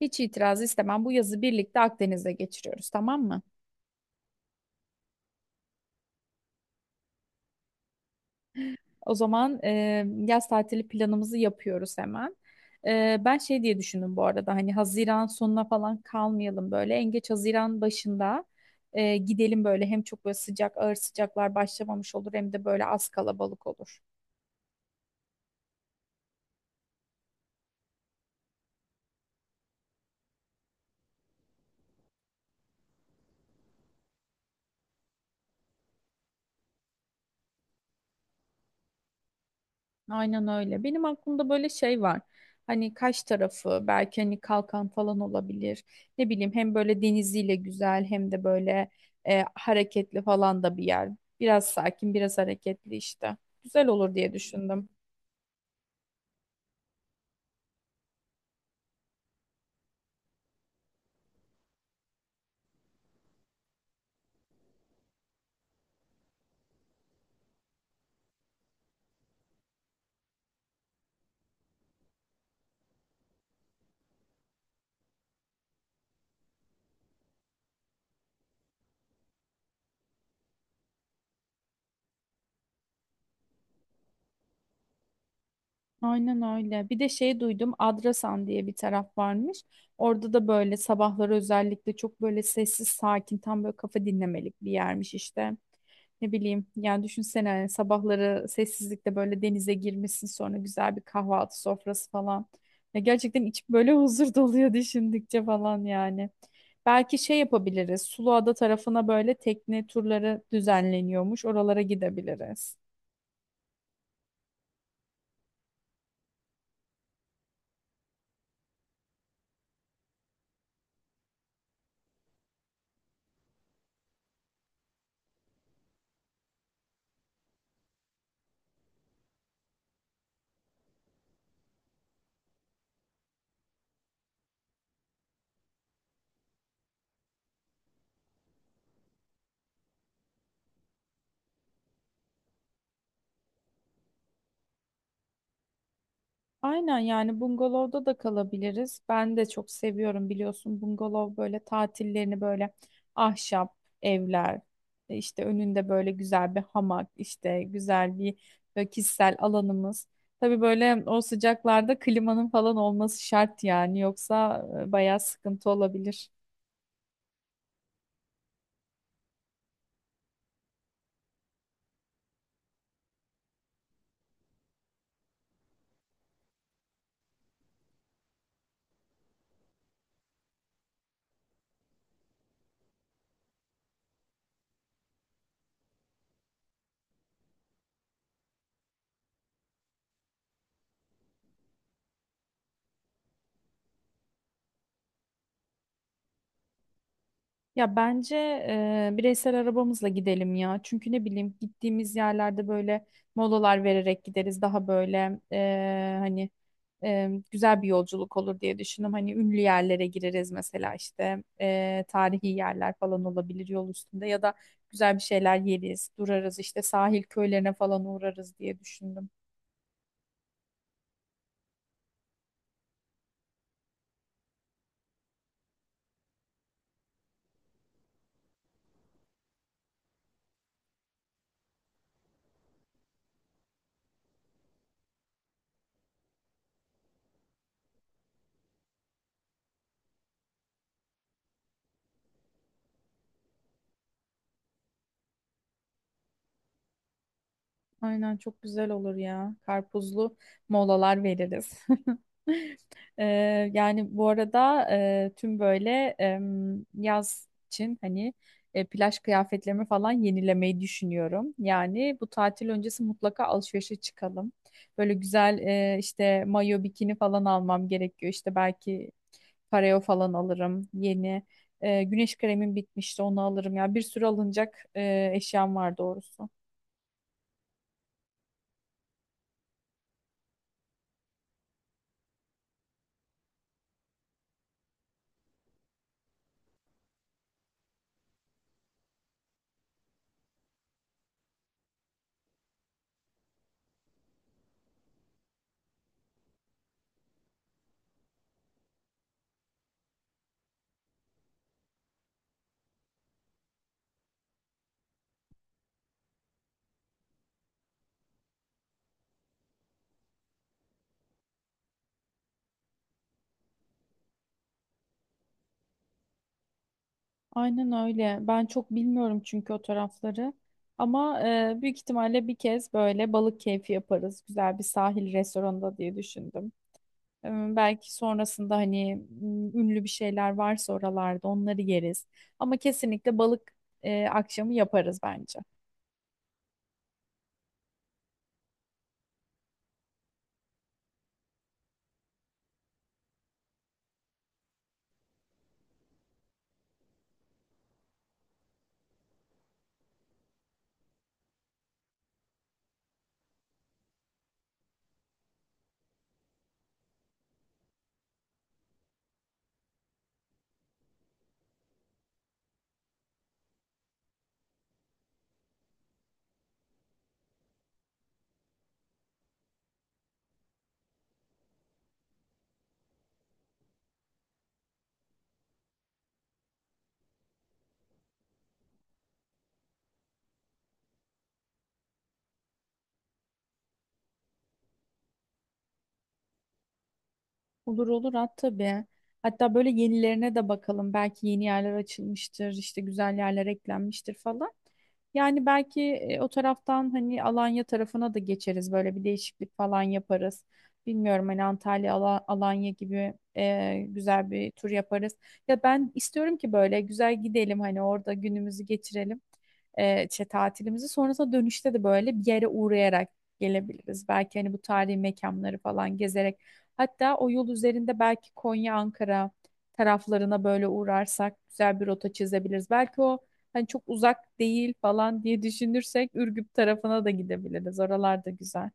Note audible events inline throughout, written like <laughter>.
Hiç itiraz istemem. Bu yazı birlikte Akdeniz'e geçiriyoruz, tamam mı? O zaman yaz tatili planımızı yapıyoruz hemen. Ben şey diye düşündüm bu arada hani Haziran sonuna falan kalmayalım böyle. En geç Haziran başında gidelim böyle hem çok böyle sıcak ağır sıcaklar başlamamış olur hem de böyle az kalabalık olur. Aynen öyle. Benim aklımda böyle şey var. Hani Kaş tarafı belki hani Kalkan falan olabilir. Ne bileyim hem böyle deniziyle güzel hem de böyle hareketli falan da bir yer. Biraz sakin, biraz hareketli işte. Güzel olur diye düşündüm. Aynen öyle. Bir de şey duydum, Adrasan diye bir taraf varmış. Orada da böyle sabahları özellikle çok böyle sessiz, sakin, tam böyle kafa dinlemelik bir yermiş işte. Ne bileyim, yani düşünsene hani sabahları sessizlikte böyle denize girmişsin sonra güzel bir kahvaltı sofrası falan. Ya gerçekten içim böyle <laughs> huzur doluyor düşündükçe falan yani. Belki şey yapabiliriz, Suluada tarafına böyle tekne turları düzenleniyormuş, oralara gidebiliriz. Aynen yani bungalovda da kalabiliriz. Ben de çok seviyorum biliyorsun bungalov böyle tatillerini böyle ahşap evler işte önünde böyle güzel bir hamak işte güzel bir böyle kişisel alanımız. Tabii böyle o sıcaklarda klimanın falan olması şart yani yoksa bayağı sıkıntı olabilir. Ya bence bireysel arabamızla gidelim ya. Çünkü ne bileyim gittiğimiz yerlerde böyle molalar vererek gideriz. Daha böyle hani güzel bir yolculuk olur diye düşündüm. Hani ünlü yerlere gireriz mesela işte tarihi yerler falan olabilir yol üstünde ya da güzel bir şeyler yeriz, durarız işte sahil köylerine falan uğrarız diye düşündüm. Aynen çok güzel olur ya. Karpuzlu molalar veririz. <laughs> Ee, yani bu arada tüm böyle yaz için hani plaj kıyafetlerimi falan yenilemeyi düşünüyorum. Yani bu tatil öncesi mutlaka alışverişe çıkalım. Böyle güzel işte mayo bikini falan almam gerekiyor. İşte belki pareo falan alırım yeni. Güneş kremim bitmişti onu alırım. Ya bir sürü alınacak eşyam var doğrusu. Aynen öyle. Ben çok bilmiyorum çünkü o tarafları. Ama büyük ihtimalle bir kez böyle balık keyfi yaparız. Güzel bir sahil restoranında diye düşündüm. E, belki sonrasında hani ünlü bir şeyler varsa oralarda onları yeriz. Ama kesinlikle balık akşamı yaparız bence. Olur olur at tabii. Hatta böyle yenilerine de bakalım. Belki yeni yerler açılmıştır, işte güzel yerler eklenmiştir falan. Yani belki o taraftan hani Alanya tarafına da geçeriz. Böyle bir değişiklik falan yaparız. Bilmiyorum hani Antalya, Alanya gibi güzel bir tur yaparız. Ya ben istiyorum ki böyle güzel gidelim hani orada günümüzü geçirelim. E, işte tatilimizi sonrasında dönüşte de böyle bir yere uğrayarak gelebiliriz. Belki hani bu tarihi mekanları falan gezerek. Hatta o yol üzerinde belki Konya, Ankara taraflarına böyle uğrarsak güzel bir rota çizebiliriz. Belki o hani çok uzak değil falan diye düşünürsek Ürgüp tarafına da gidebiliriz. Oralar da güzel.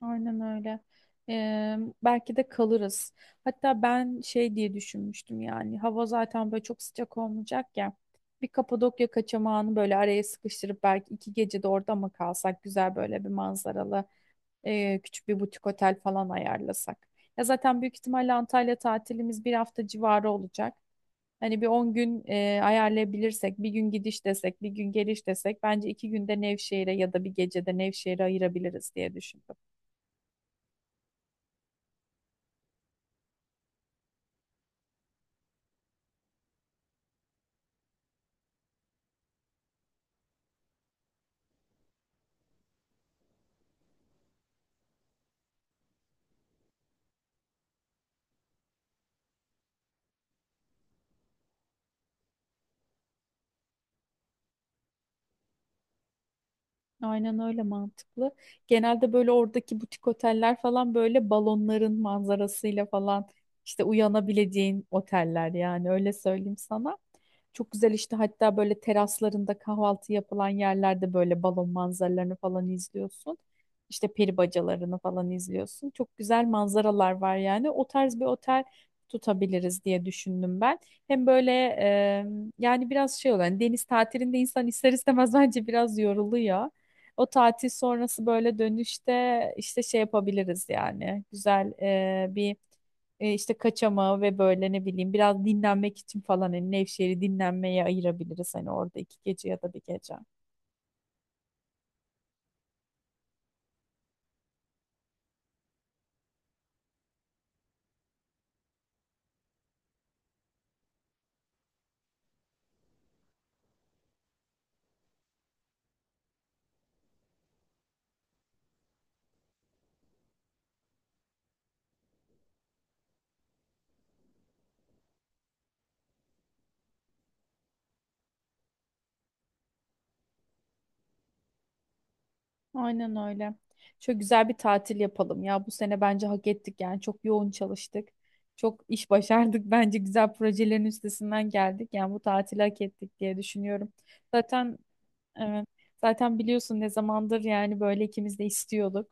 Aynen öyle. Ee, belki de kalırız. Hatta ben şey diye düşünmüştüm yani hava zaten böyle çok sıcak olmayacak ya. Bir Kapadokya kaçamağını böyle araya sıkıştırıp belki 2 gece de orada mı kalsak güzel böyle bir manzaralı küçük bir butik otel falan ayarlasak. Ya zaten büyük ihtimalle Antalya tatilimiz bir hafta civarı olacak. Hani bir 10 gün ayarlayabilirsek, bir gün gidiş desek, bir gün geliş desek, bence 2 günde Nevşehir'e ya da bir gecede Nevşehir'e ayırabiliriz diye düşündüm. Aynen öyle mantıklı. Genelde böyle oradaki butik oteller falan böyle balonların manzarasıyla falan işte uyanabileceğin oteller yani öyle söyleyeyim sana. Çok güzel işte hatta böyle teraslarında kahvaltı yapılan yerlerde böyle balon manzaralarını falan izliyorsun. İşte peri bacalarını falan izliyorsun. Çok güzel manzaralar var yani. O tarz bir otel tutabiliriz diye düşündüm ben. Hem böyle e, yani biraz şey olan deniz tatilinde insan ister istemez <laughs> bence biraz yoruluyor. O tatil sonrası böyle dönüşte işte şey yapabiliriz yani. Güzel bir işte kaçamağı ve böyle ne bileyim biraz dinlenmek için falan hani Nevşehir'i dinlenmeye ayırabiliriz hani orada 2 gece ya da bir gece. Aynen öyle. Çok güzel bir tatil yapalım ya. Bu sene bence hak ettik yani. Çok yoğun çalıştık. Çok iş <laughs> başardık. Bence güzel projelerin üstesinden geldik. Yani bu tatili hak ettik diye düşünüyorum. Zaten. Evet. Zaten biliyorsun ne zamandır yani böyle ikimiz de istiyorduk.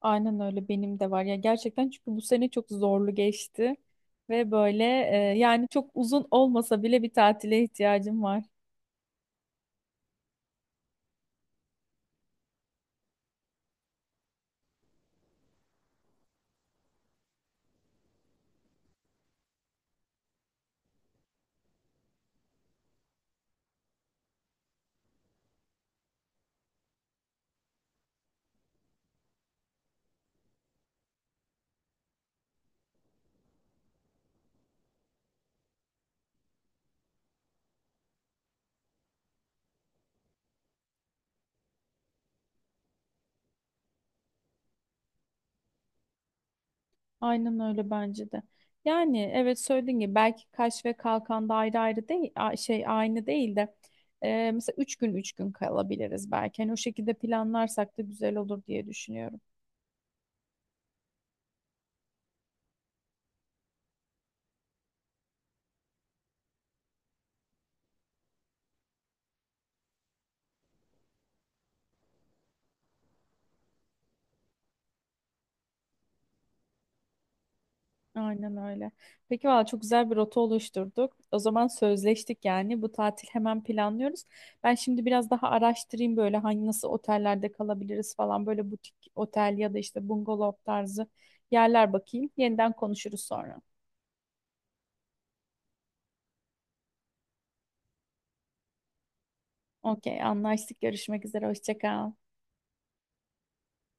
Aynen öyle benim de var. Ya gerçekten çünkü bu sene çok zorlu geçti ve böyle yani çok uzun olmasa bile bir tatile ihtiyacım var. Aynen öyle bence de. Yani evet söylediğin gibi belki Kaş ve Kalkan'da ayrı ayrı değil şey aynı değil de mesela 3 gün 3 gün kalabiliriz belki. Hani o şekilde planlarsak da güzel olur diye düşünüyorum. Aynen öyle. Peki valla çok güzel bir rota oluşturduk. O zaman sözleştik yani. Bu tatil hemen planlıyoruz. Ben şimdi biraz daha araştırayım böyle hangi nasıl otellerde kalabiliriz falan. Böyle butik otel ya da işte bungalov tarzı yerler bakayım. Yeniden konuşuruz sonra. Okey, anlaştık. Görüşmek üzere. Hoşça kal.